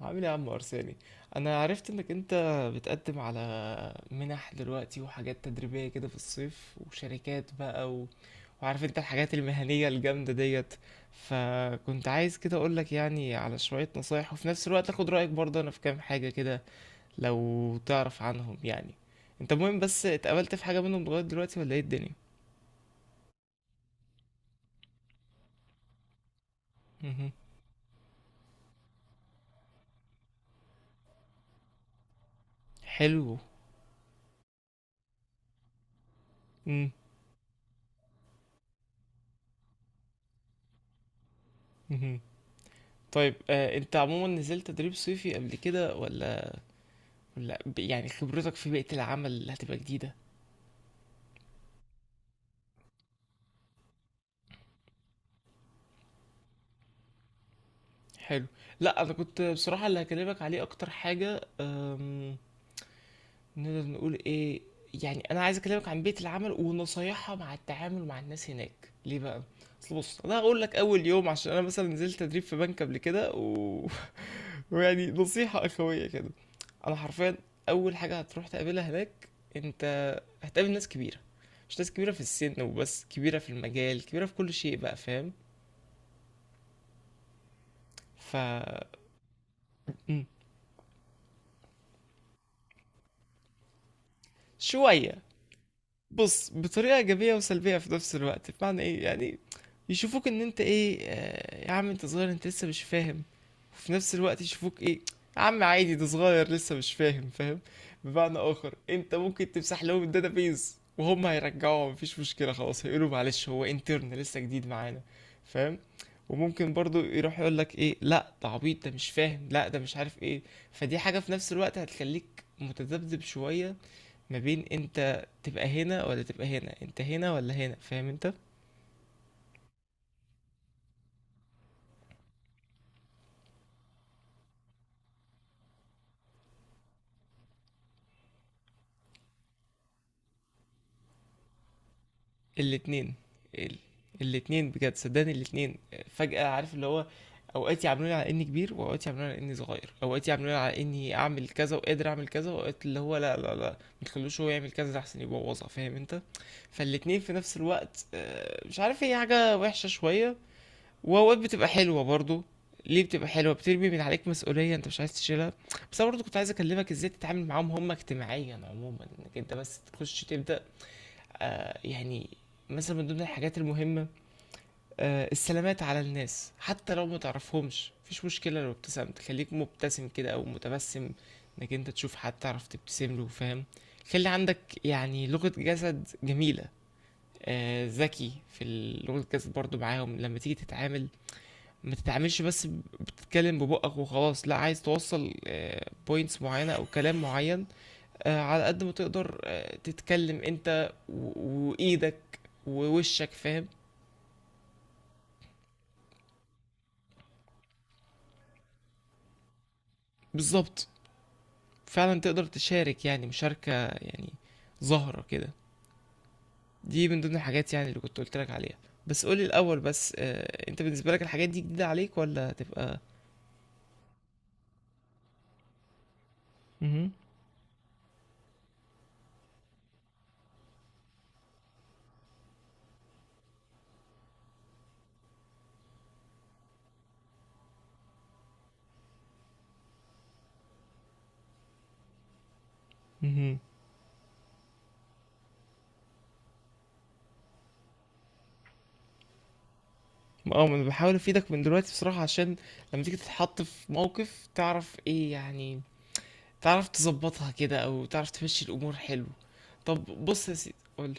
عامل ايه يا عم ارساني؟ انا عرفت انك انت بتقدم على منح دلوقتي وحاجات تدريبية كده في الصيف وشركات بقى وعارف انت الحاجات المهنية الجامدة ديت، فكنت عايز كده اقولك يعني على شوية نصايح، وفي نفس الوقت اخد رأيك برضه انا في كام حاجة كده لو تعرف عنهم يعني. انت مهم بس اتقابلت في حاجة منهم لغاية دلوقتي ولا ايه الدنيا؟ مهم. حلو. مم. مهم. طيب، انت عموما نزلت تدريب صيفي قبل كده ولا؟ لا، يعني خبرتك في بيئة العمل اللي هتبقى جديدة. حلو. لا انا كنت بصراحة اللي هكلمك عليه اكتر حاجة، نقدر نقول ايه، يعني انا عايز اكلمك عن بيئة العمل ونصايحها مع التعامل مع الناس هناك، ليه بقى؟ اصل بص، انا هقول لك اول يوم، عشان انا مثلا نزلت تدريب في بنك قبل كده. ويعني نصيحة اخوية كده. انا حرفيا اول حاجة هتروح تقابلها هناك انت، هتقابل ناس كبيرة. مش ناس كبيرة في السن وبس، كبيرة في المجال، كبيرة في كل شيء بقى، فاهم؟ فشوية، بص، بطريقة إيجابية وسلبية في نفس الوقت. بمعنى إيه يعني؟ يشوفوك إن أنت إيه، يا عم أنت صغير أنت لسه مش فاهم، وفي نفس الوقت يشوفوك إيه، يا عم عادي ده صغير لسه مش فاهم، فاهم؟ بمعنى آخر أنت ممكن تمسح لهم الداتابيز وهم هيرجعوها، مفيش مشكلة خلاص، هيقولوا معلش هو انترن لسه جديد معانا، فاهم؟ وممكن برضو يروح يقول لك ايه، لا ده عبيط ده مش فاهم، لا ده مش عارف ايه. فدي حاجة في نفس الوقت هتخليك متذبذب شوية، ما بين انت تبقى هنا ولا تبقى هنا، انت هنا ولا هنا، فاهم انت؟ الاتنين. ال... الاتنين بجد صدقني، الاتنين. فجأة عارف اللي هو، اوقات يعاملوني على اني كبير، واوقات يعاملوني على اني صغير، اوقات يعاملوني على اني اعمل كذا وقادر اعمل كذا، واوقات اللي هو لا لا لا ما تخلوش هو يعمل كذا، ده احسن يبوظها، فاهم انت؟ فالاتنين في نفس الوقت، مش عارف، هي حاجة وحشة شوية، واوقات بتبقى حلوة برضو. ليه بتبقى حلوة؟ بترمي من عليك مسؤولية انت مش عايز تشيلها. بس انا برضو كنت عايز اكلمك ازاي تتعامل معاهم هم اجتماعيا عموما، انك انت بس تخش تبدأ. يعني مثلا من ضمن الحاجات المهمة، السلامات على الناس، حتى لو ما تعرفهمش مفيش مشكلة. لو ابتسمت خليك مبتسم كده او متبسم، انك انت تشوف حد تعرف تبتسم له، فاهم؟ خلي عندك يعني لغة جسد جميلة. ذكي في لغة الجسد برضو معاهم لما تيجي تتعامل. ما تتعاملش بس بتتكلم ببقك وخلاص، لا، عايز توصل بوينتس معينة او كلام معين. على قد ما تقدر تتكلم انت وايدك ووشك، فاهم؟ بالظبط. فعلا تقدر تشارك يعني مشاركة يعني ظاهرة كده. دي من ضمن الحاجات يعني اللي كنت قلت لك عليها. بس قولي الاول بس، انت بالنسبة لك الحاجات دي جديدة عليك ولا تبقى؟ مهم. مهم. اه، ما انا بحاول افيدك من دلوقتي بصراحة، عشان لما تيجي تتحط في موقف تعرف ايه يعني، تعرف تظبطها كده او تعرف تمشي الامور حلو. طب بص يا سيدي قولي.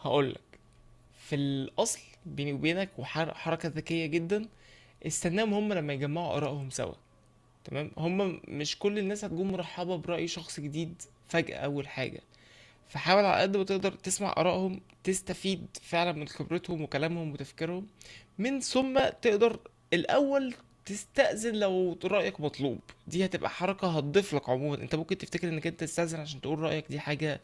هقولك، في الاصل بيني وبينك، وحركة ذكية جدا، استناهم هم لما يجمعوا ارائهم سوا. تمام، هم مش كل الناس هتكون مرحبة برأي شخص جديد فجأة اول حاجة. فحاول على قد ما تقدر تسمع آرائهم، تستفيد فعلا من خبرتهم وكلامهم وتفكيرهم. من ثم تقدر الأول تستأذن لو رأيك مطلوب. دي هتبقى حركة هتضيف لك عموما. انت ممكن تفتكر انك انت تستأذن عشان تقول رأيك، دي حاجة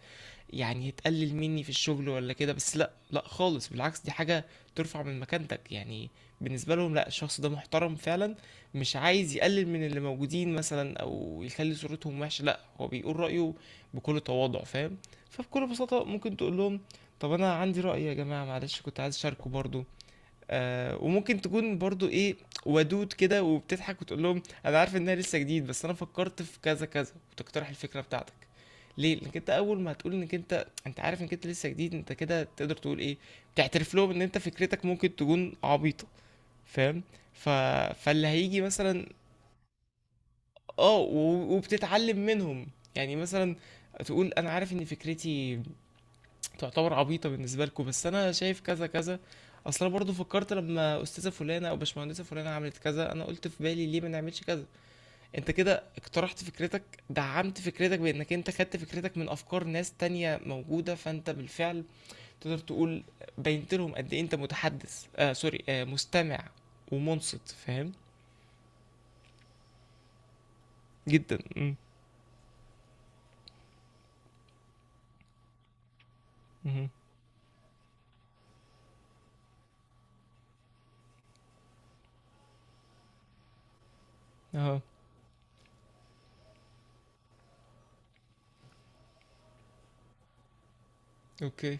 يعني تقلل مني في الشغل ولا كده، بس لا لا خالص، بالعكس، دي حاجة ترفع من مكانتك يعني بالنسبة لهم. لا الشخص ده محترم فعلا، مش عايز يقلل من اللي موجودين مثلا او يخلي صورتهم وحشة، لا هو بيقول رأيه بكل تواضع، فاهم؟ فبكل بساطة ممكن تقول لهم، طب انا عندي رأي يا جماعة، معلش كنت عايز اشاركه برضو. وممكن تكون برضو ايه، ودود كده وبتضحك وتقول لهم، انا عارف انها لسه جديد، بس انا فكرت في كذا كذا وتقترح الفكره بتاعتك. ليه؟ لانك انت اول ما هتقول انك انت عارف انك انت لسه جديد، انت كده تقدر تقول ايه، بتعترف لهم ان انت فكرتك ممكن تكون عبيطه، فاهم؟ ف... فاللي هيجي مثلا. اه، وبتتعلم منهم. يعني مثلا تقول انا عارف ان فكرتي تعتبر عبيطة بالنسبة لكم، بس أنا شايف كذا كذا. أصل أنا برضه فكرت لما أستاذة فلانة أو باشمهندسة فلانة عملت كذا، أنا قلت في بالي ليه ما نعملش كذا. أنت كده اقترحت فكرتك، دعمت فكرتك بأنك أنت خدت فكرتك من أفكار ناس تانية موجودة، فأنت بالفعل تقدر تقول بينت لهم قد إيه أنت متحدث، سوري، مستمع ومنصت، فاهم؟ جدا. مم. مهم. اه. اوكي.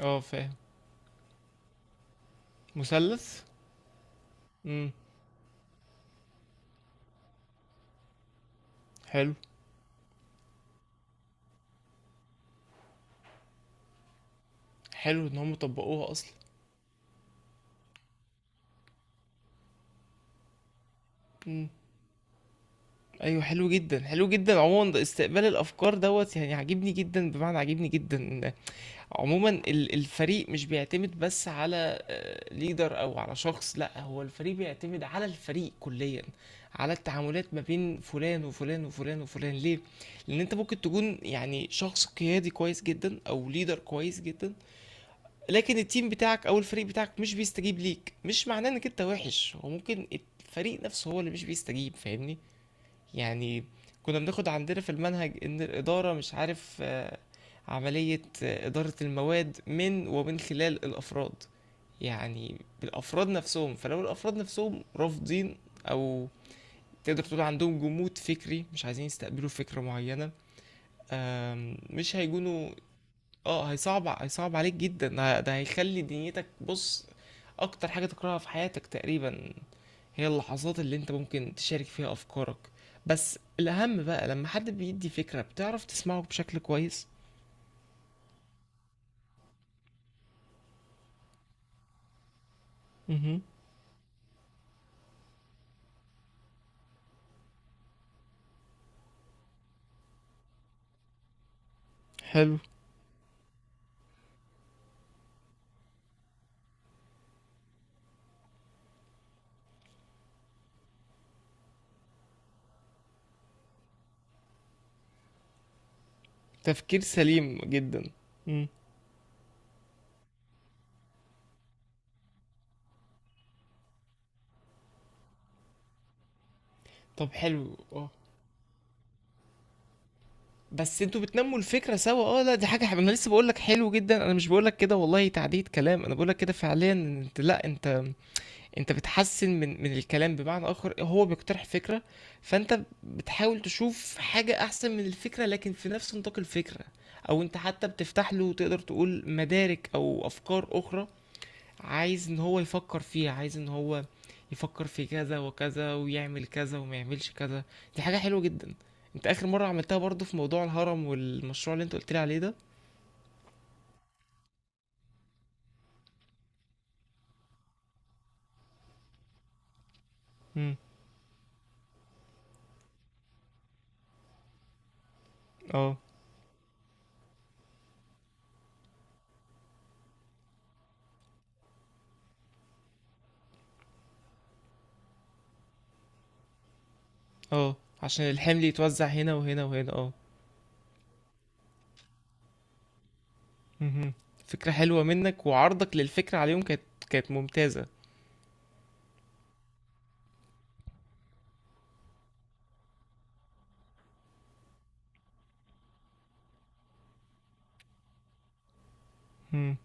اه. فاهم. مثلث. امم. حلو. حلو ان هم طبقوها اصلا. امم. ايوه، حلو جدا حلو جدا. عموما ده استقبال الافكار دوت، يعني عاجبني جدا، بمعنى عاجبني جدا إن عموما الفريق مش بيعتمد بس على ليدر او على شخص، لا هو الفريق بيعتمد على الفريق كليا، على التعاملات ما بين فلان وفلان وفلان وفلان. ليه؟ لان انت ممكن تكون يعني شخص قيادي كويس جدا او ليدر كويس جدا، لكن التيم بتاعك او الفريق بتاعك مش بيستجيب ليك، مش معناه انك انت وحش، هو ممكن الفريق نفسه هو اللي مش بيستجيب، فاهمني؟ يعني كنا بناخد عندنا في المنهج ان الاداره، مش عارف، عمليه اداره المواد ومن خلال الافراد، يعني بالافراد نفسهم. فلو الافراد نفسهم رافضين، او تقدر تقول عندهم جمود فكري مش عايزين يستقبلوا فكره معينه، مش هيكونوا. اه، هيصعب عليك جدا، ده هيخلي دنيتك، بص، اكتر حاجه تكرهها في حياتك تقريبا هي اللحظات اللي انت ممكن تشارك فيها افكارك. بس الاهم بقى لما حد بيدي فكرة بتعرف تسمعه بشكل كويس. مهم. حلو. تفكير سليم جدا. مم. طب حلو، اه. بس انتوا بتنموا الفكرة سوا. اه لا، دي حاجة انا لسه بقولك حلو جدا، انا مش بقولك كده والله تعديل كلام، انا بقولك كده فعليا إن انت، لا، انت انت بتحسن من الكلام، بمعنى اخر هو بيقترح فكره، فانت بتحاول تشوف حاجه احسن من الفكره لكن في نفس نطاق الفكره، او انت حتى بتفتح له تقدر تقول مدارك او افكار اخرى عايز ان هو يفكر فيها، عايز ان هو يفكر في كذا وكذا ويعمل كذا وما يعملش كذا. دي حاجه حلوه جدا. انت اخر مره عملتها برضو في موضوع الهرم والمشروع اللي انت قلت لي عليه ده. امم. اه. اه عشان الحمل يتوزع هنا وهنا وهنا، اه. مهم. فكرة حلوة منك وعرضك للفكرة عليهم كانت ممتازة. مم.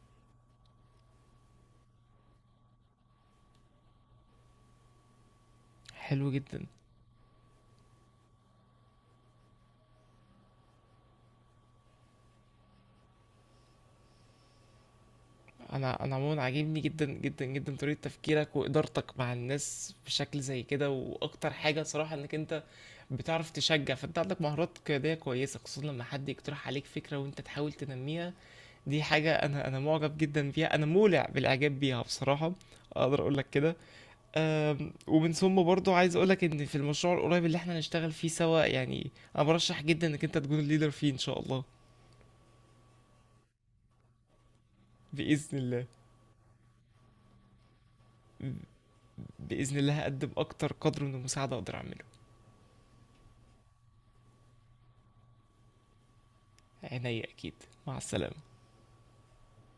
حلو جدا. انا عموما عاجبني جدا جدا جدا طريقة تفكيرك وإدارتك مع الناس بشكل زي كده، واكتر حاجة صراحة انك انت بتعرف تشجع، فانت عندك مهارات قيادية كويسة، خصوصا لما حد يقترح عليك فكرة وانت تحاول تنميها، دي حاجة انا معجب جدا بيها، انا مولع بالاعجاب بيها بصراحة، اقدر اقول لك كده. ومن ثم برضو عايز اقولك ان في المشروع القريب اللي احنا هنشتغل فيه سوا يعني انا برشح جدا انك انت تكون الليدر فيه ان شاء الله. باذن الله. باذن الله هقدم اكتر قدر من المساعده اقدر اعمله. عينيا اكيد. مع السلامه.